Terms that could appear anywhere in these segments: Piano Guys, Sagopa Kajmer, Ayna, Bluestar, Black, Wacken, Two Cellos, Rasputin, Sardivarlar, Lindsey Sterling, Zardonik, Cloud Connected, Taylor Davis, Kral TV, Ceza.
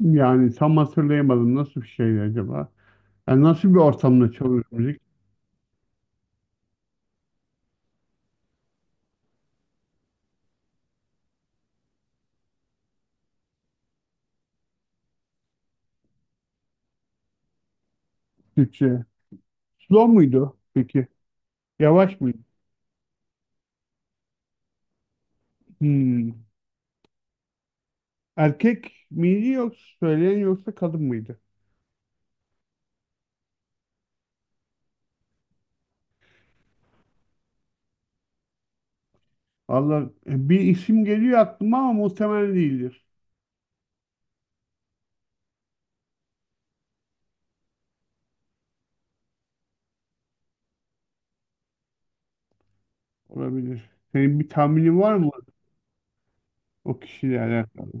Yani tam hatırlayamadım, nasıl bir şeydi acaba? Yani nasıl bir ortamda çalıyor müzik? Türkçe. Slow muydu peki? Yavaş mıydı? Hmm. Erkek miydi yoksa söyleyen, yoksa kadın mıydı? Allah, bir isim geliyor aklıma ama muhtemelen değildir. Olabilir. Senin bir tahminin var mı o kişiyle alakalı?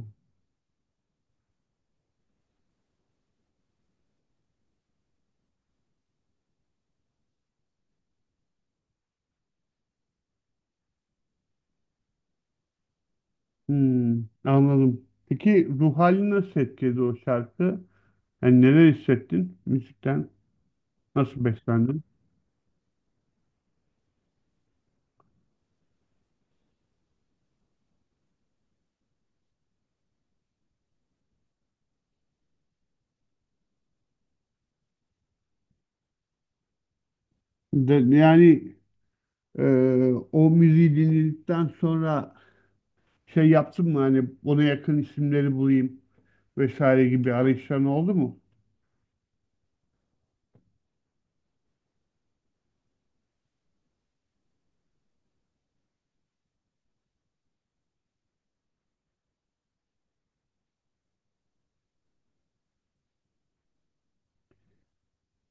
Hmm, anladım. Peki ruh halini nasıl etkiledi o şarkı? Yani neler hissettin müzikten? Nasıl beslendin? De, yani O müziği dinledikten sonra şey yaptın mı, hani ona yakın isimleri bulayım vesaire gibi arayışların oldu mu?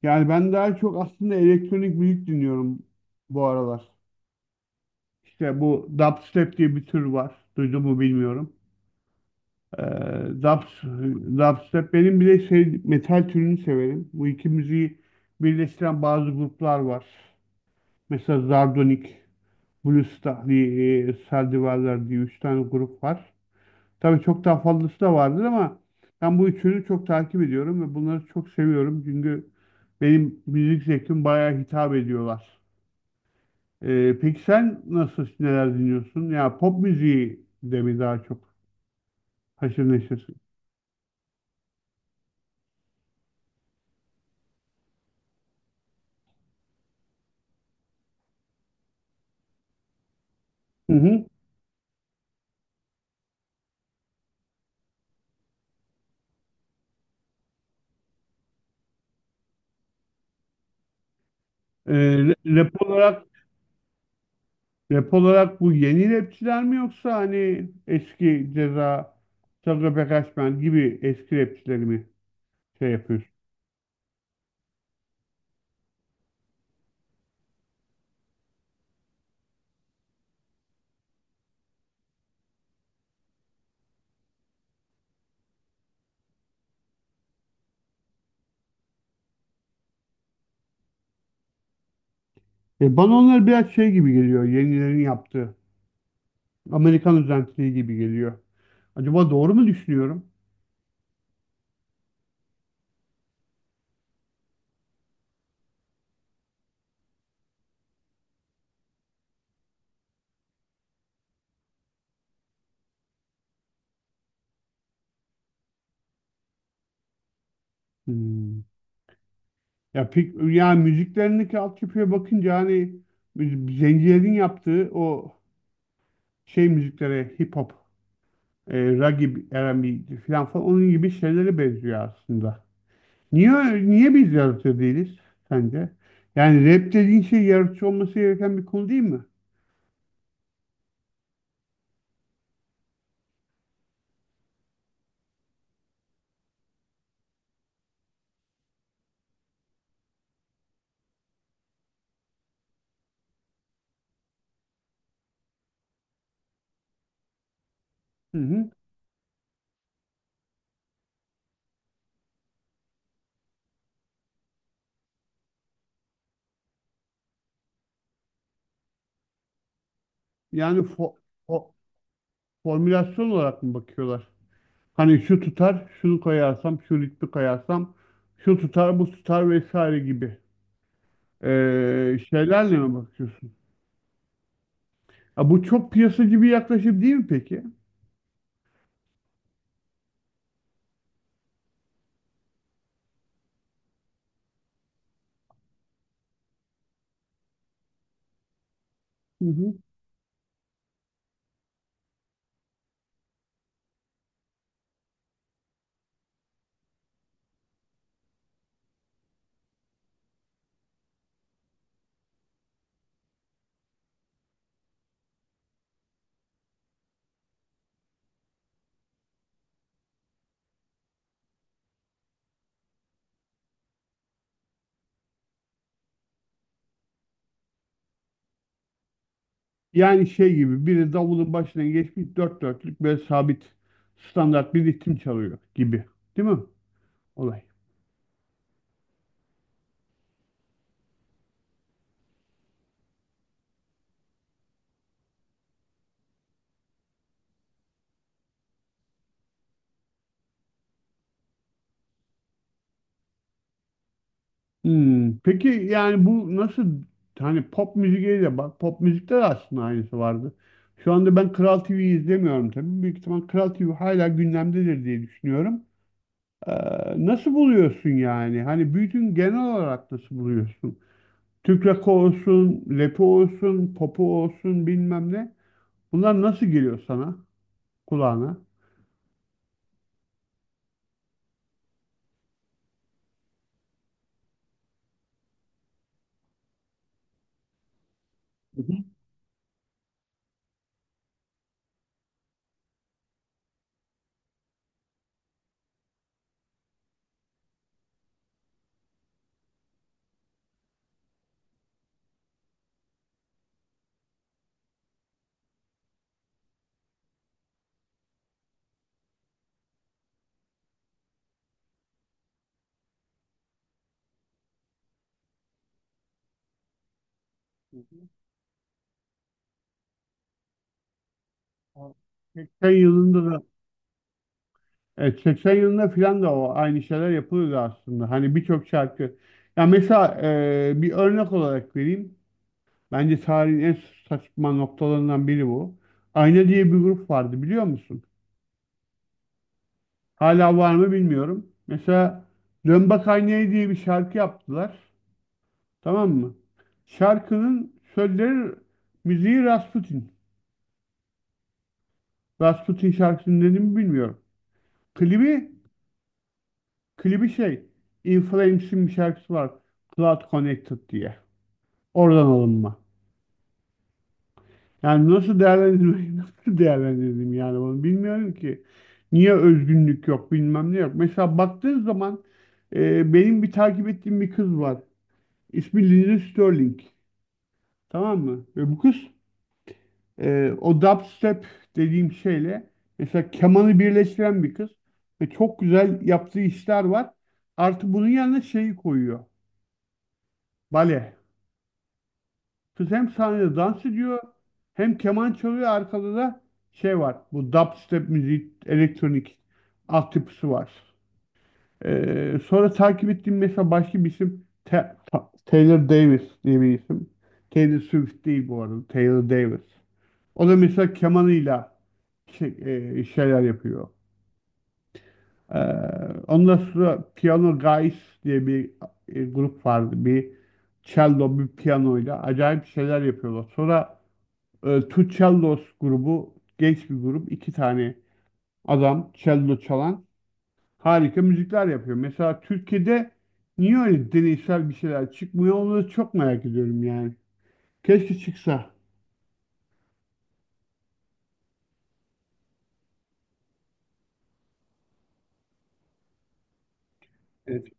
Yani ben daha çok aslında elektronik müzik dinliyorum bu aralar. İşte bu dubstep diye bir tür var. Duydun mu bilmiyorum. Ee, rap, rap. Benim bir de şey, metal türünü severim. Bu iki müziği birleştiren bazı gruplar var. Mesela Zardonik, Bluestar diye, Sardivarlar diye üç tane grup var. Tabii çok daha fazlası da vardır ama ben bu üçünü çok takip ediyorum ve bunları çok seviyorum. Çünkü benim müzik zevkim bayağı hitap ediyorlar. Peki sen nasıl, neler dinliyorsun? Ya pop müziği de mi daha çok haşır neşirsin? Hı hı. Ee, rap olarak Rap olarak bu yeni rapçiler mi, yoksa hani eski Ceza, Sagopa Kajmer gibi eski rapçileri mi şey yapıyorsun? E bana onlar biraz şey gibi geliyor, yenilerin yaptığı. Amerikan özentiliği gibi geliyor. Acaba doğru mu düşünüyorum? Hmm. Ya pek, yani müziklerindeki altyapıya bakınca hani zencilerin yaptığı o şey müziklere, hip hop, ragib, R&B falan falan onun gibi şeylere benziyor aslında. Niye niye biz yaratıcı değiliz sence? Yani rap dediğin şey yaratıcı olması gereken bir konu değil mi? Hı hı. Yani fo- formülasyon olarak mı bakıyorlar? Hani şu tutar, şunu koyarsam, şu ritmi koyarsam, şu tutar, bu tutar vesaire gibi şeylerle mi bakıyorsun? Ya bu çok piyasacı bir yaklaşım değil mi peki? Hı hı. Yani şey gibi, biri davulun başına geçmiş dört dörtlük böyle sabit standart bir ritim çalıyor gibi. Değil mi? Olay. Hmm. Peki yani bu nasıl, hani pop müziğe de bak, pop müzikte de aslında aynısı vardı. Şu anda ben Kral TV'yi izlemiyorum tabii. Büyük ihtimal Kral TV hala gündemdedir diye düşünüyorum. Ee, nasıl buluyorsun yani? Hani bütün, genel olarak nasıl buluyorsun? Türk rakı olsun, lepo olsun, popo olsun, bilmem ne. Bunlar nasıl geliyor sana, kulağına? Hı hı. Hı hı. Ha, 80 yılında da evet 80 yılında filan da o aynı şeyler yapılıyordu aslında. Hani birçok şarkı. Ya mesela bir örnek olarak vereyim. Bence tarihin en saçma noktalarından biri bu. Ayna diye bir grup vardı, biliyor musun? Hala var mı bilmiyorum. Mesela Dön Bak Aynaya diye bir şarkı yaptılar. Tamam mı? Şarkının sözleri, müziği Rasputin. Rasputin şarkısını dedim mi bilmiyorum. Klibi klibi şey, In Flames'in bir şarkısı var. Cloud Connected diye. Oradan alınma. Yani nasıl değerlendirmeyi nasıl değerlendirdim yani, onu bilmiyorum ki. Niye özgünlük yok, bilmem ne yok. Mesela baktığın zaman benim bir takip ettiğim bir kız var. İsmi Lindsey Sterling. Tamam mı? Ve bu kız, o dubstep dediğim şeyle mesela kemanı birleştiren bir kız, ve çok güzel yaptığı işler var. Artı bunun yanına şeyi koyuyor. Bale. Kız hem sahnede dans ediyor, hem keman çalıyor, arkada da şey var, bu dubstep müziği, elektronik altyapısı var. Sonra takip ettiğim mesela başka bir isim, Taylor Davis diye bir isim. Taylor Swift değil bu arada, Taylor Davis. O da mesela kemanıyla şey, şeyler yapıyor. Ee, ondan sonra Piano Guys diye bir grup vardı. Bir cello, bir piyanoyla acayip şeyler yapıyorlar. Sonra Two Cellos grubu, genç bir grup. İki tane adam cello çalan, harika müzikler yapıyor. Mesela Türkiye'de niye öyle deneysel bir şeyler çıkmıyor? Onu da çok merak ediyorum yani. Keşke çıksa. Evet.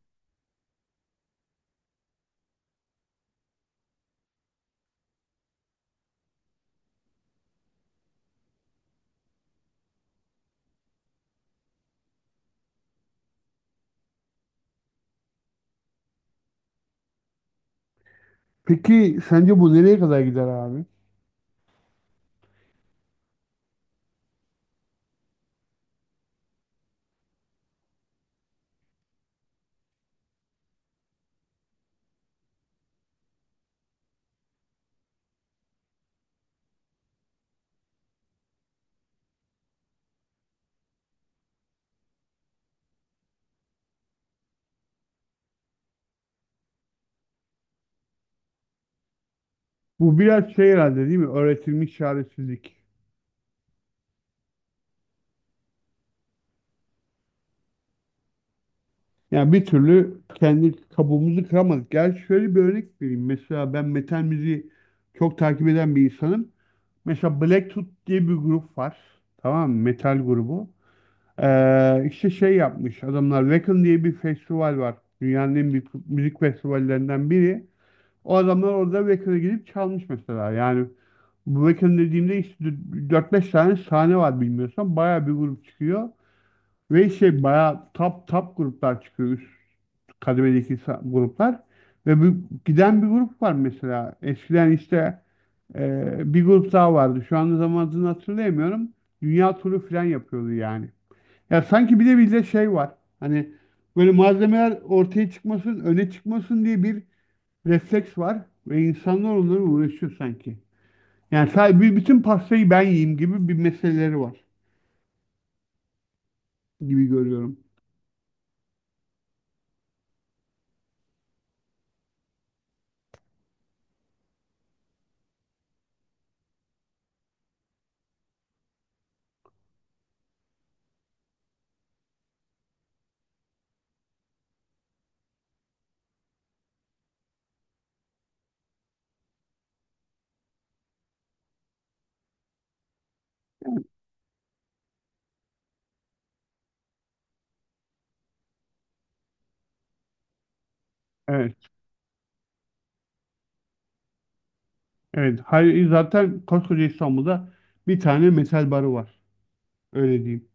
Peki sence bu nereye kadar gider abi? Bu biraz şey herhalde değil mi? Öğretilmiş çaresizlik. Yani bir türlü kendi kabuğumuzu kıramadık. Gel şöyle bir örnek vereyim. Mesela ben metal müziği çok takip eden bir insanım. Mesela Black diye bir grup var. Tamam mı? Metal grubu. İşte şey yapmış adamlar. Wacken diye bir festival var. Dünyanın en büyük müzik festivallerinden biri. O adamlar orada Wacken'a gidip çalmış mesela. Yani bu Wacken dediğimde işte dört beş tane sahne var bilmiyorsan. Bayağı bir grup çıkıyor. Ve şey, bayağı top gruplar çıkıyor, üst kademedeki gruplar. Ve bu, giden bir grup var mesela. Eskiden işte bir grup daha vardı, şu anda tam adını hatırlayamıyorum. Dünya turu falan yapıyordu yani. Ya sanki bir de bizde şey var, hani böyle malzemeler ortaya çıkmasın, öne çıkmasın diye bir refleks var. Ve insanlar onlara uğraşıyor sanki. Yani sadece bütün pastayı ben yiyeyim gibi bir meseleleri var gibi görüyorum. Evet. Evet. Hayır, zaten koskoca İstanbul'da bir tane metal barı var. Öyle diyeyim.